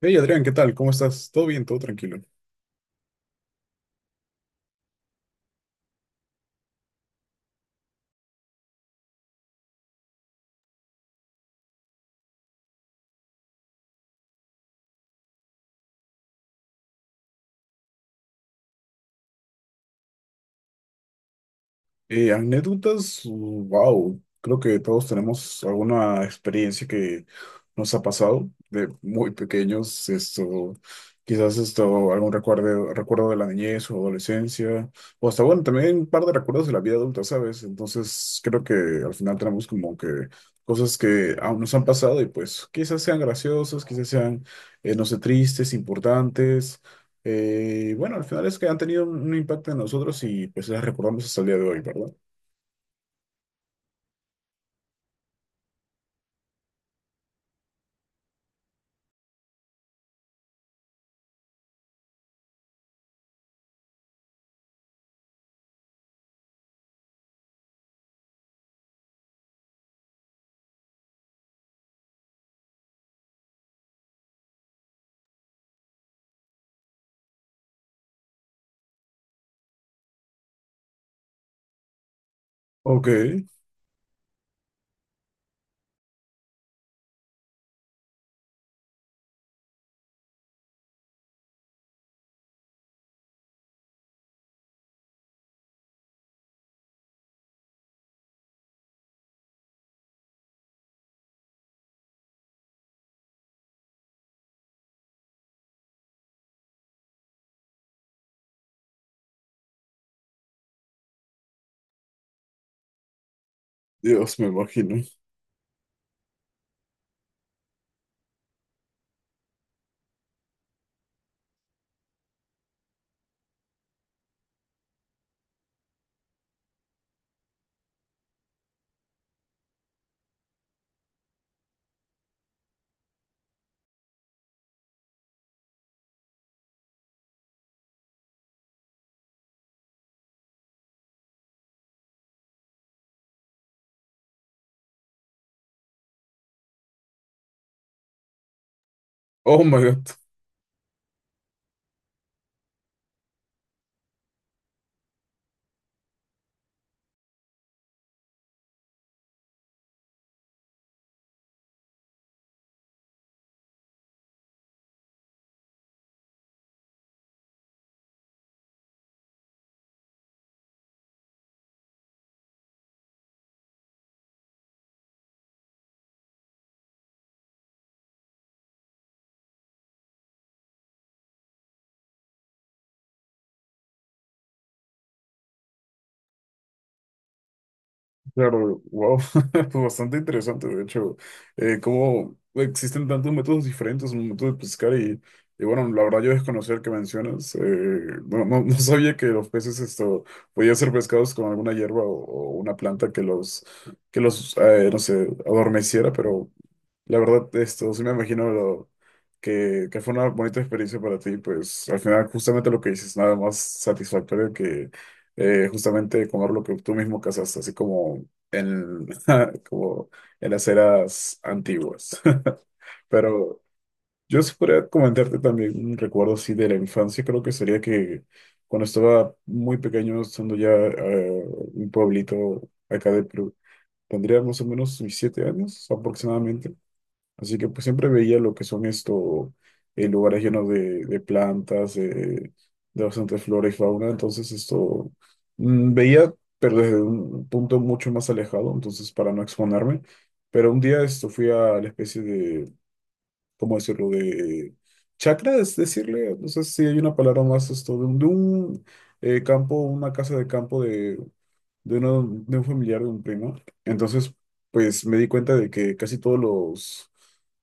Hey Adrián, ¿qué tal? ¿Cómo estás? ¿Todo bien? ¿Todo tranquilo? Anécdotas, wow, creo que todos tenemos alguna experiencia que nos ha pasado de muy pequeños, algún recuerdo de la niñez o adolescencia, o hasta bueno, también un par de recuerdos de la vida adulta, ¿sabes? Entonces creo que al final tenemos como que cosas que aún nos han pasado y pues quizás sean graciosas, quizás sean, no sé, tristes, importantes. Bueno, al final es que han tenido un impacto en nosotros y pues las recordamos hasta el día de hoy, ¿verdad? Ok, Dios, me imagino. Oh my God, claro, wow, fue bastante interesante, de hecho, cómo existen tantos métodos diferentes, un método de pescar y bueno, la verdad yo desconocer que mencionas, no sabía que los peces esto podían ser pescados con alguna hierba o una planta que los, no sé, adormeciera, pero... La verdad, esto sí me imagino que fue una bonita experiencia para ti, pues al final justamente lo que dices, nada más satisfactorio que justamente comer lo que tú mismo cazaste, así como en, como en las eras antiguas. Pero yo sí podría comentarte también un recuerdo así de la infancia, creo que sería que cuando estaba muy pequeño, estando ya un pueblito acá de Perú, tendría más o menos mis 7 años aproximadamente. Así que pues siempre veía lo que son estos lugares llenos de plantas, de bastante flora y fauna. Entonces veía, pero desde un punto mucho más alejado, entonces para no exponerme. Pero un día esto fui a la especie de, ¿cómo decirlo? De chacra, es decirle, no sé si hay una palabra más, esto, de un, campo, una casa de campo de un familiar, de un primo. Entonces, pues me di cuenta de que casi todos los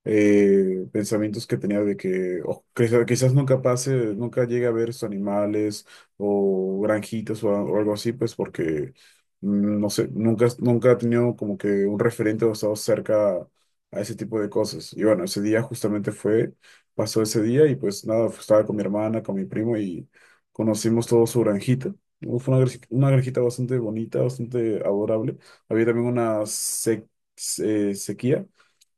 pensamientos que tenía de que oh, quizás, nunca pase, nunca llegue a ver estos animales o granjitas o algo así, pues porque, no sé, nunca he tenido como que un referente o estado cerca a ese tipo de cosas. Y bueno, ese día justamente pasó ese día y pues nada, estaba con mi hermana, con mi primo y conocimos todo su granjita. Fue una granjita bastante bonita, bastante adorable. Había también una sequía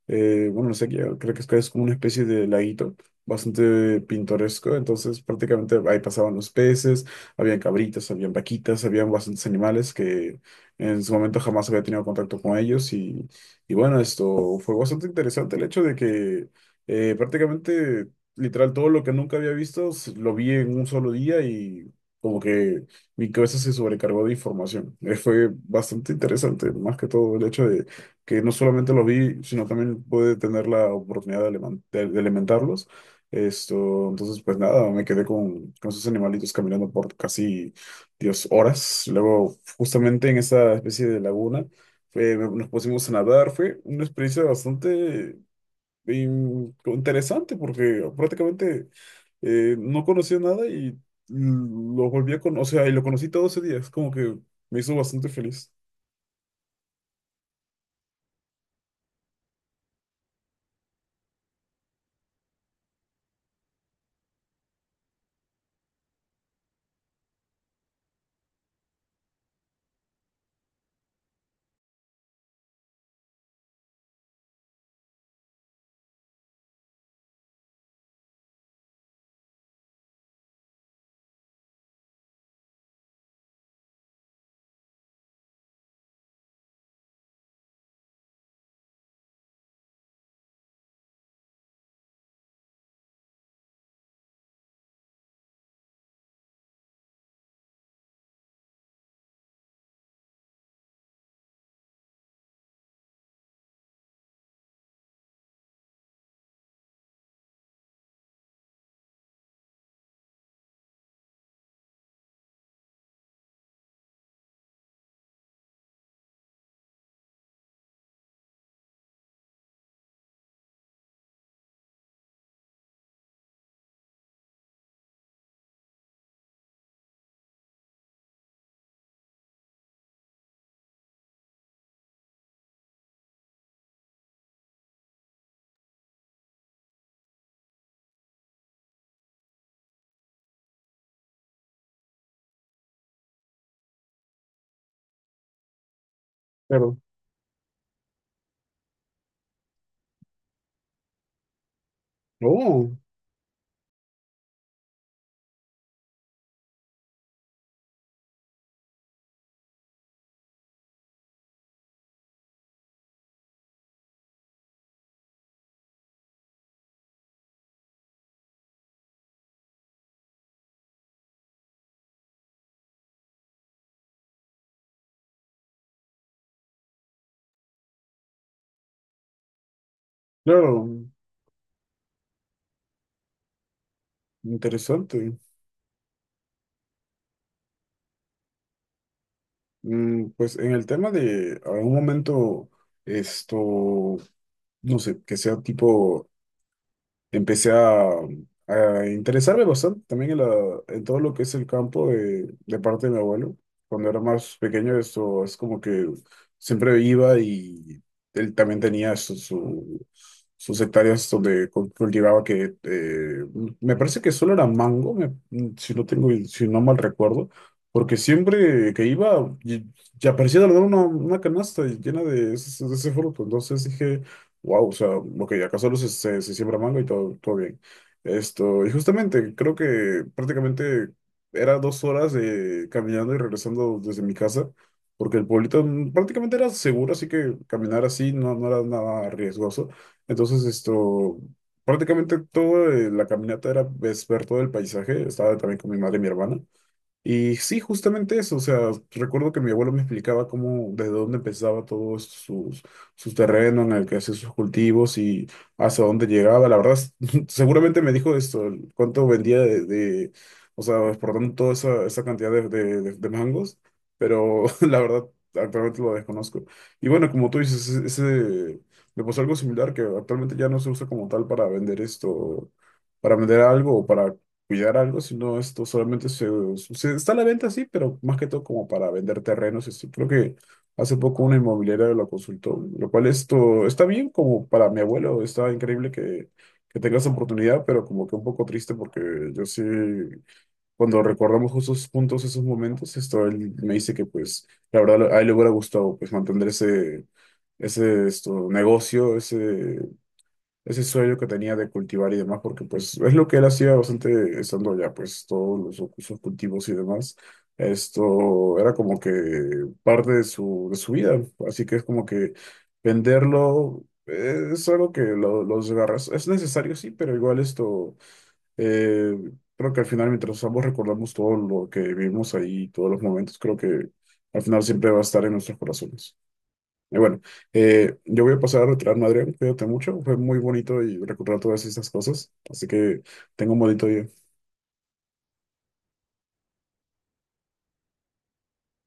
bueno, no sé, qué, creo que es como una especie de laguito bastante pintoresco, entonces prácticamente ahí pasaban los peces, habían cabritas, habían vaquitas, habían bastantes animales que en su momento jamás había tenido contacto con ellos y bueno, esto fue bastante interesante el hecho de que prácticamente, literal, todo lo que nunca había visto lo vi en un solo día y como que mi cabeza se sobrecargó de información. Fue bastante interesante, más que todo el hecho de que no solamente lo vi, sino también pude tener la oportunidad de, de alimentarlos. Esto, entonces, pues nada, me quedé con esos animalitos caminando por casi, Dios, horas. Luego, justamente en esa especie de laguna, nos pusimos a nadar. Fue una experiencia bastante interesante porque prácticamente no conocía nada y lo volví a conocer, o sea, y lo conocí todo ese día. Es como que me hizo bastante feliz. Claro. Oh, claro. Interesante. Pues en el tema de algún momento, esto, no sé, que sea tipo empecé a, a interesarme bastante también en todo lo que es el campo de parte de mi abuelo. Cuando era más pequeño, eso es como que siempre iba y él también tenía sus hectáreas donde cultivaba que me parece que solo era mango, si no tengo, si no mal recuerdo, porque siempre que iba ya aparecía de la nada una canasta llena de ese fruto. Entonces dije wow, o sea, ok, acá solo se siembra mango y todo, todo bien. Esto, y justamente creo que prácticamente era 2 horas caminando y regresando desde mi casa, porque el pueblito prácticamente era seguro, así que caminar así no era nada riesgoso. Entonces, esto, prácticamente toda la caminata era ver todo el paisaje, estaba también con mi madre y mi hermana. Y sí, justamente eso, o sea, recuerdo que mi abuelo me explicaba cómo, desde dónde empezaba todo esto, su terreno en el que hacía sus cultivos y hasta dónde llegaba, la verdad, seguramente me dijo esto, el cuánto vendía o sea, exportando toda esa, esa cantidad de mangos, pero la verdad, actualmente lo desconozco. Y bueno, como tú dices, me pasó algo similar que actualmente ya no se usa como tal para vender esto, para vender algo o para cuidar algo, sino esto solamente está a la venta, sí, pero más que todo como para vender terrenos. Esto. Creo que hace poco una inmobiliaria lo consultó, lo cual esto está bien como para mi abuelo, está increíble que tenga esa oportunidad, pero como que un poco triste porque yo sí, cuando recordamos justo esos puntos, esos momentos, esto él me dice que pues la verdad a él le hubiera gustado pues mantener ese... Ese esto, negocio, ese sueño que tenía de cultivar y demás, porque pues es lo que él hacía bastante estando allá, pues todos sus cultivos y demás. Esto era como que parte de de su vida, así que es como que venderlo es algo que los agarras es necesario, sí, pero igual esto, eh, creo que al final mientras ambos recordamos todo lo que vivimos ahí, todos los momentos, creo que al final siempre va a estar en nuestros corazones. Y bueno, yo voy a pasar a retirarme, Adrián. Cuídate mucho. Fue muy bonito y recordar todas estas cosas. Así que tengo un bonito día.